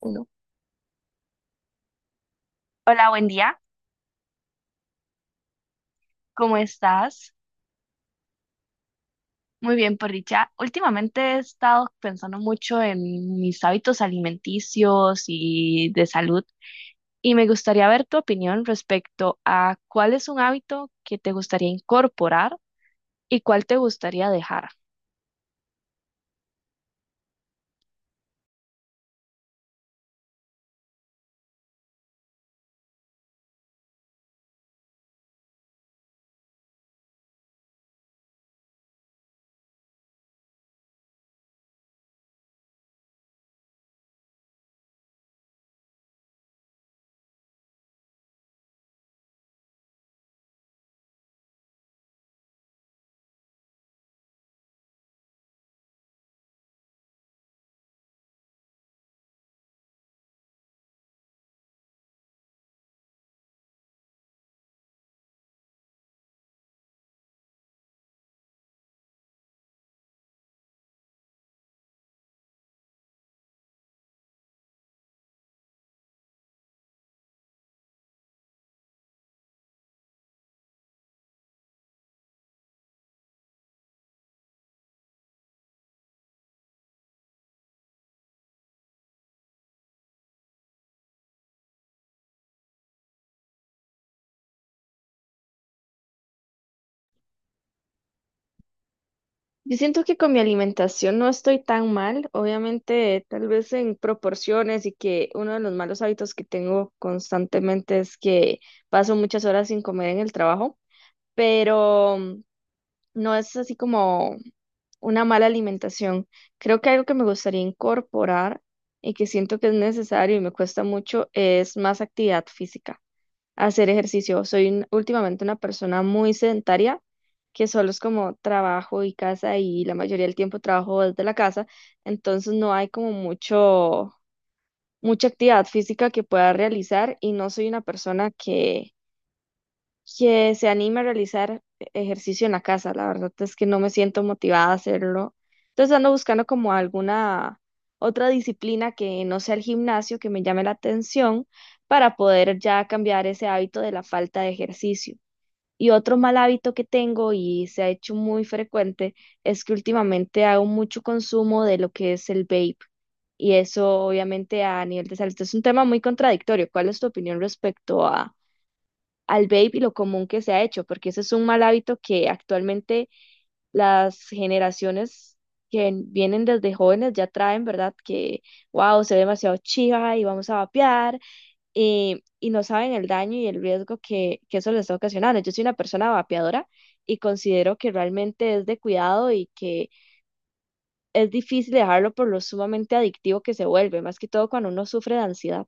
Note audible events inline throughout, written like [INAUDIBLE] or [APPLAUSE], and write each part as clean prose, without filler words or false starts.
Uno. Hola, buen día. ¿Cómo estás? Muy bien, por dicha. Últimamente he estado pensando mucho en mis hábitos alimenticios y de salud y me gustaría ver tu opinión respecto a cuál es un hábito que te gustaría incorporar y cuál te gustaría dejar. Yo siento que con mi alimentación no estoy tan mal, obviamente tal vez en proporciones, y que uno de los malos hábitos que tengo constantemente es que paso muchas horas sin comer en el trabajo, pero no es así como una mala alimentación. Creo que algo que me gustaría incorporar y que siento que es necesario y me cuesta mucho es más actividad física, hacer ejercicio. Últimamente una persona muy sedentaria, que solo es como trabajo y casa, y la mayoría del tiempo trabajo desde la casa, entonces no hay como mucha actividad física que pueda realizar, y no soy una persona que se anime a realizar ejercicio en la casa. La verdad es que no me siento motivada a hacerlo. Entonces ando buscando como alguna otra disciplina que no sea el gimnasio, que me llame la atención, para poder ya cambiar ese hábito de la falta de ejercicio. Y otro mal hábito que tengo y se ha hecho muy frecuente es que últimamente hago mucho consumo de lo que es el vape. Y eso obviamente a nivel de salud es un tema muy contradictorio. ¿Cuál es tu opinión respecto al vape y lo común que se ha hecho? Porque ese es un mal hábito que actualmente las generaciones que vienen desde jóvenes ya traen, ¿verdad? Que, wow, se ve demasiado chiva y vamos a vapear, y no saben el daño y el riesgo que eso les está ocasionando. Yo soy una persona vapeadora y considero que realmente es de cuidado, y que es difícil dejarlo por lo sumamente adictivo que se vuelve, más que todo cuando uno sufre de ansiedad.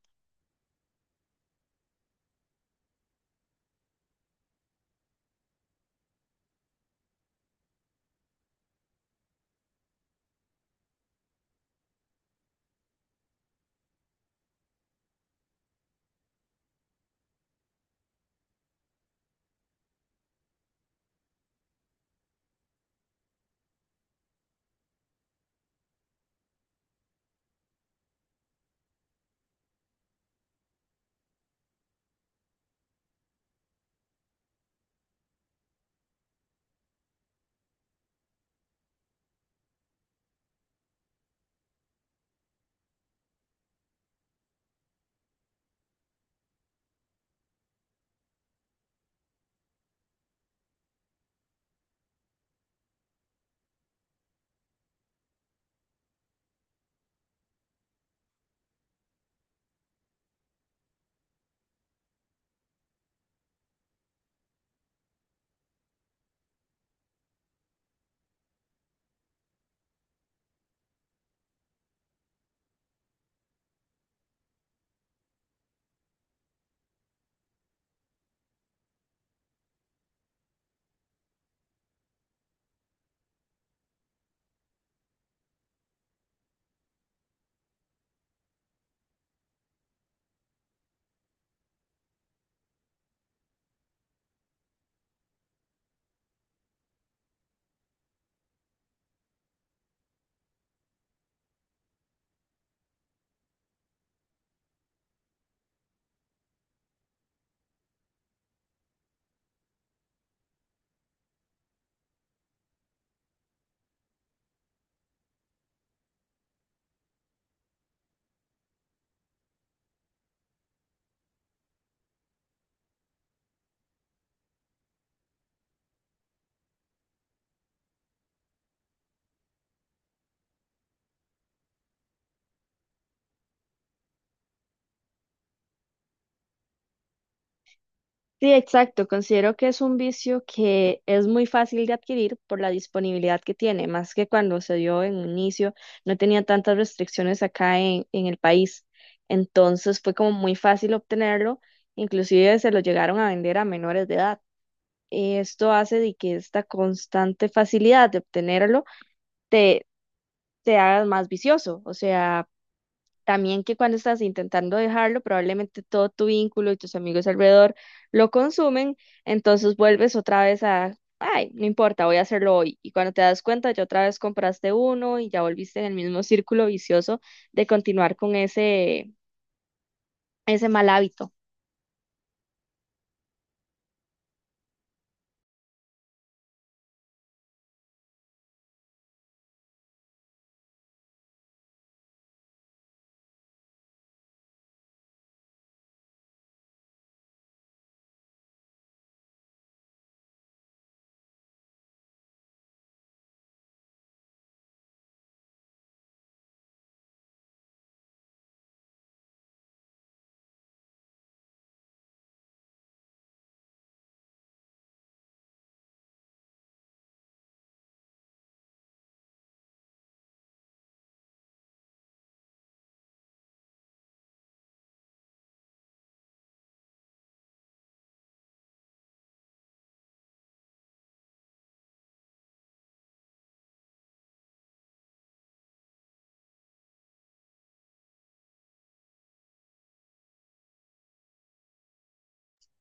Sí, exacto. Considero que es un vicio que es muy fácil de adquirir por la disponibilidad que tiene. Más que cuando se dio en un inicio, no tenía tantas restricciones acá en el país. Entonces fue como muy fácil obtenerlo, inclusive se lo llegaron a vender a menores de edad. Y esto hace de que esta constante facilidad de obtenerlo te, te haga más vicioso. O sea, también que cuando estás intentando dejarlo, probablemente todo tu vínculo y tus amigos alrededor lo consumen, entonces vuelves otra vez a, ay, no importa, voy a hacerlo hoy. Y cuando te das cuenta, ya otra vez compraste uno y ya volviste en el mismo círculo vicioso de continuar con ese mal hábito.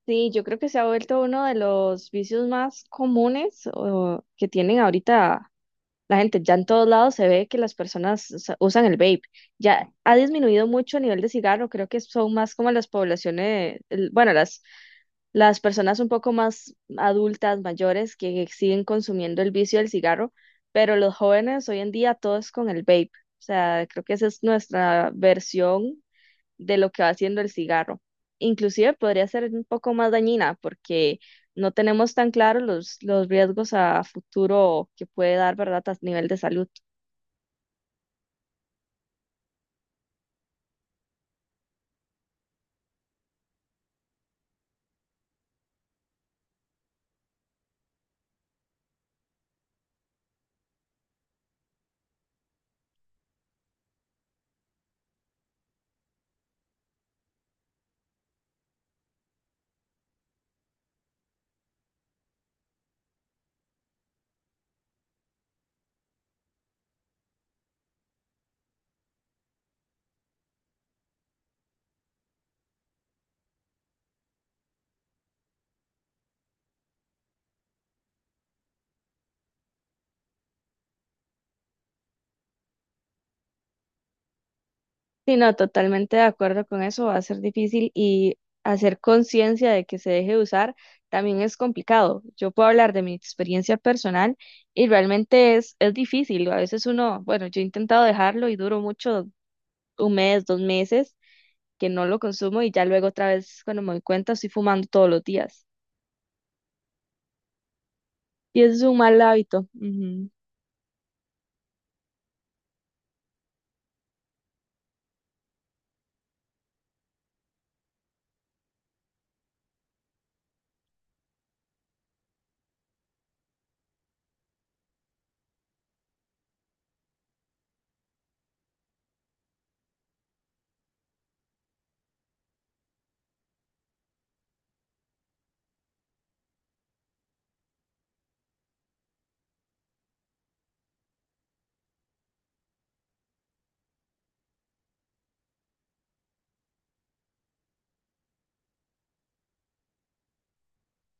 Sí, yo creo que se ha vuelto uno de los vicios más comunes que tienen ahorita. La gente ya en todos lados se ve que las personas usan el vape. Ya ha disminuido mucho a nivel de cigarro. Creo que son más como las poblaciones, bueno, las personas un poco más adultas, mayores, que siguen consumiendo el vicio del cigarro. Pero los jóvenes hoy en día todo es con el vape. O sea, creo que esa es nuestra versión de lo que va haciendo el cigarro. Inclusive podría ser un poco más dañina porque no tenemos tan claro los riesgos a futuro que puede dar, ¿verdad?, a nivel de salud. Sí, no, totalmente de acuerdo con eso, va a ser difícil, y hacer conciencia de que se deje de usar también es complicado. Yo puedo hablar de mi experiencia personal, y realmente es difícil. A veces uno, bueno, yo he intentado dejarlo y duro mucho, un mes, dos meses que no lo consumo, y ya luego otra vez cuando me doy cuenta estoy fumando todos los días. Y eso es un mal hábito. Ujú.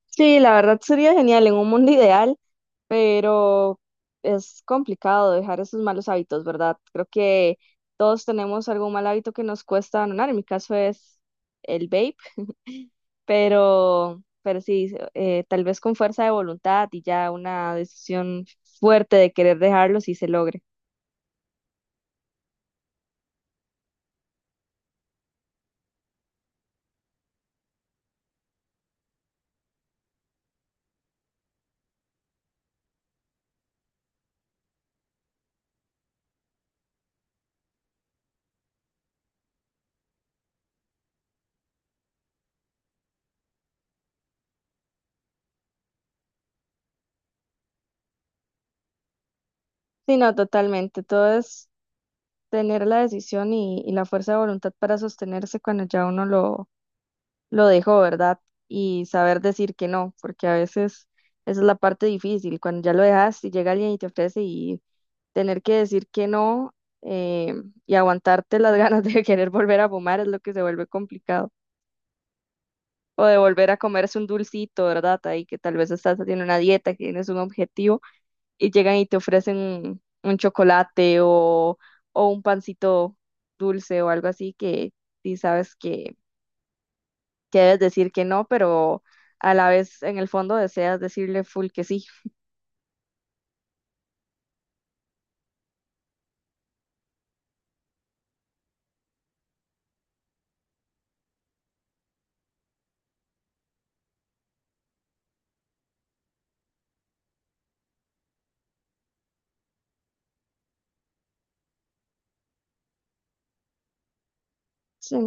Sí, la verdad sería genial en un mundo ideal, pero es complicado dejar esos malos hábitos, ¿verdad? Creo que todos tenemos algún mal hábito que nos cuesta abandonar. En mi caso es el vape, pero sí, tal vez con fuerza de voluntad y ya una decisión fuerte de querer dejarlo si se logre. Sí, no, totalmente. Todo es tener la decisión y la fuerza de voluntad para sostenerse cuando ya uno lo dejó, ¿verdad? Y saber decir que no, porque a veces esa es la parte difícil, cuando ya lo dejas y llega alguien y te ofrece y tener que decir que no, eh, y aguantarte las [LAUGHS] ganas de querer volver a fumar es lo que se vuelve complicado. O de volver a comerse un dulcito, ¿verdad? Ahí que tal vez estás haciendo una dieta, que tienes un objetivo, y llegan y te ofrecen un chocolate o un pancito dulce o algo así, que sí sabes que debes decir que no, pero a la vez en el fondo deseas decirle full que sí. Sí,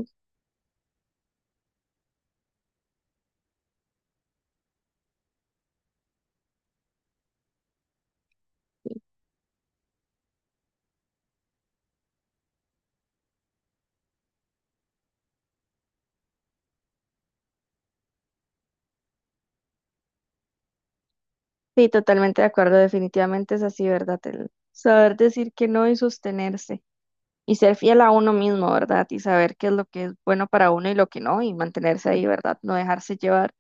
sí, sí, totalmente de acuerdo, definitivamente es así, ¿verdad? El saber decir que no y sostenerse. Y ser fiel a uno mismo, ¿verdad? Y saber qué es lo que es bueno para uno y lo que no, y mantenerse ahí, ¿verdad? No dejarse llevar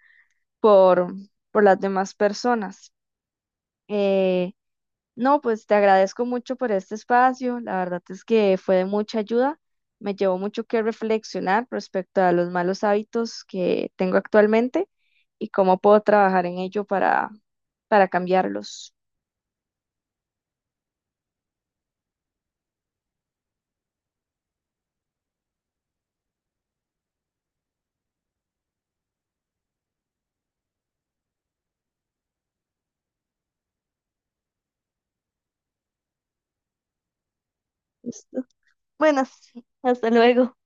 por, por las demás personas. Eh, No, pues te agradezco mucho por este espacio. La verdad es que fue de mucha ayuda. Me llevó mucho que reflexionar respecto a los malos hábitos que tengo actualmente y cómo puedo trabajar en ello para cambiarlos. Listo. Bueno, hasta luego.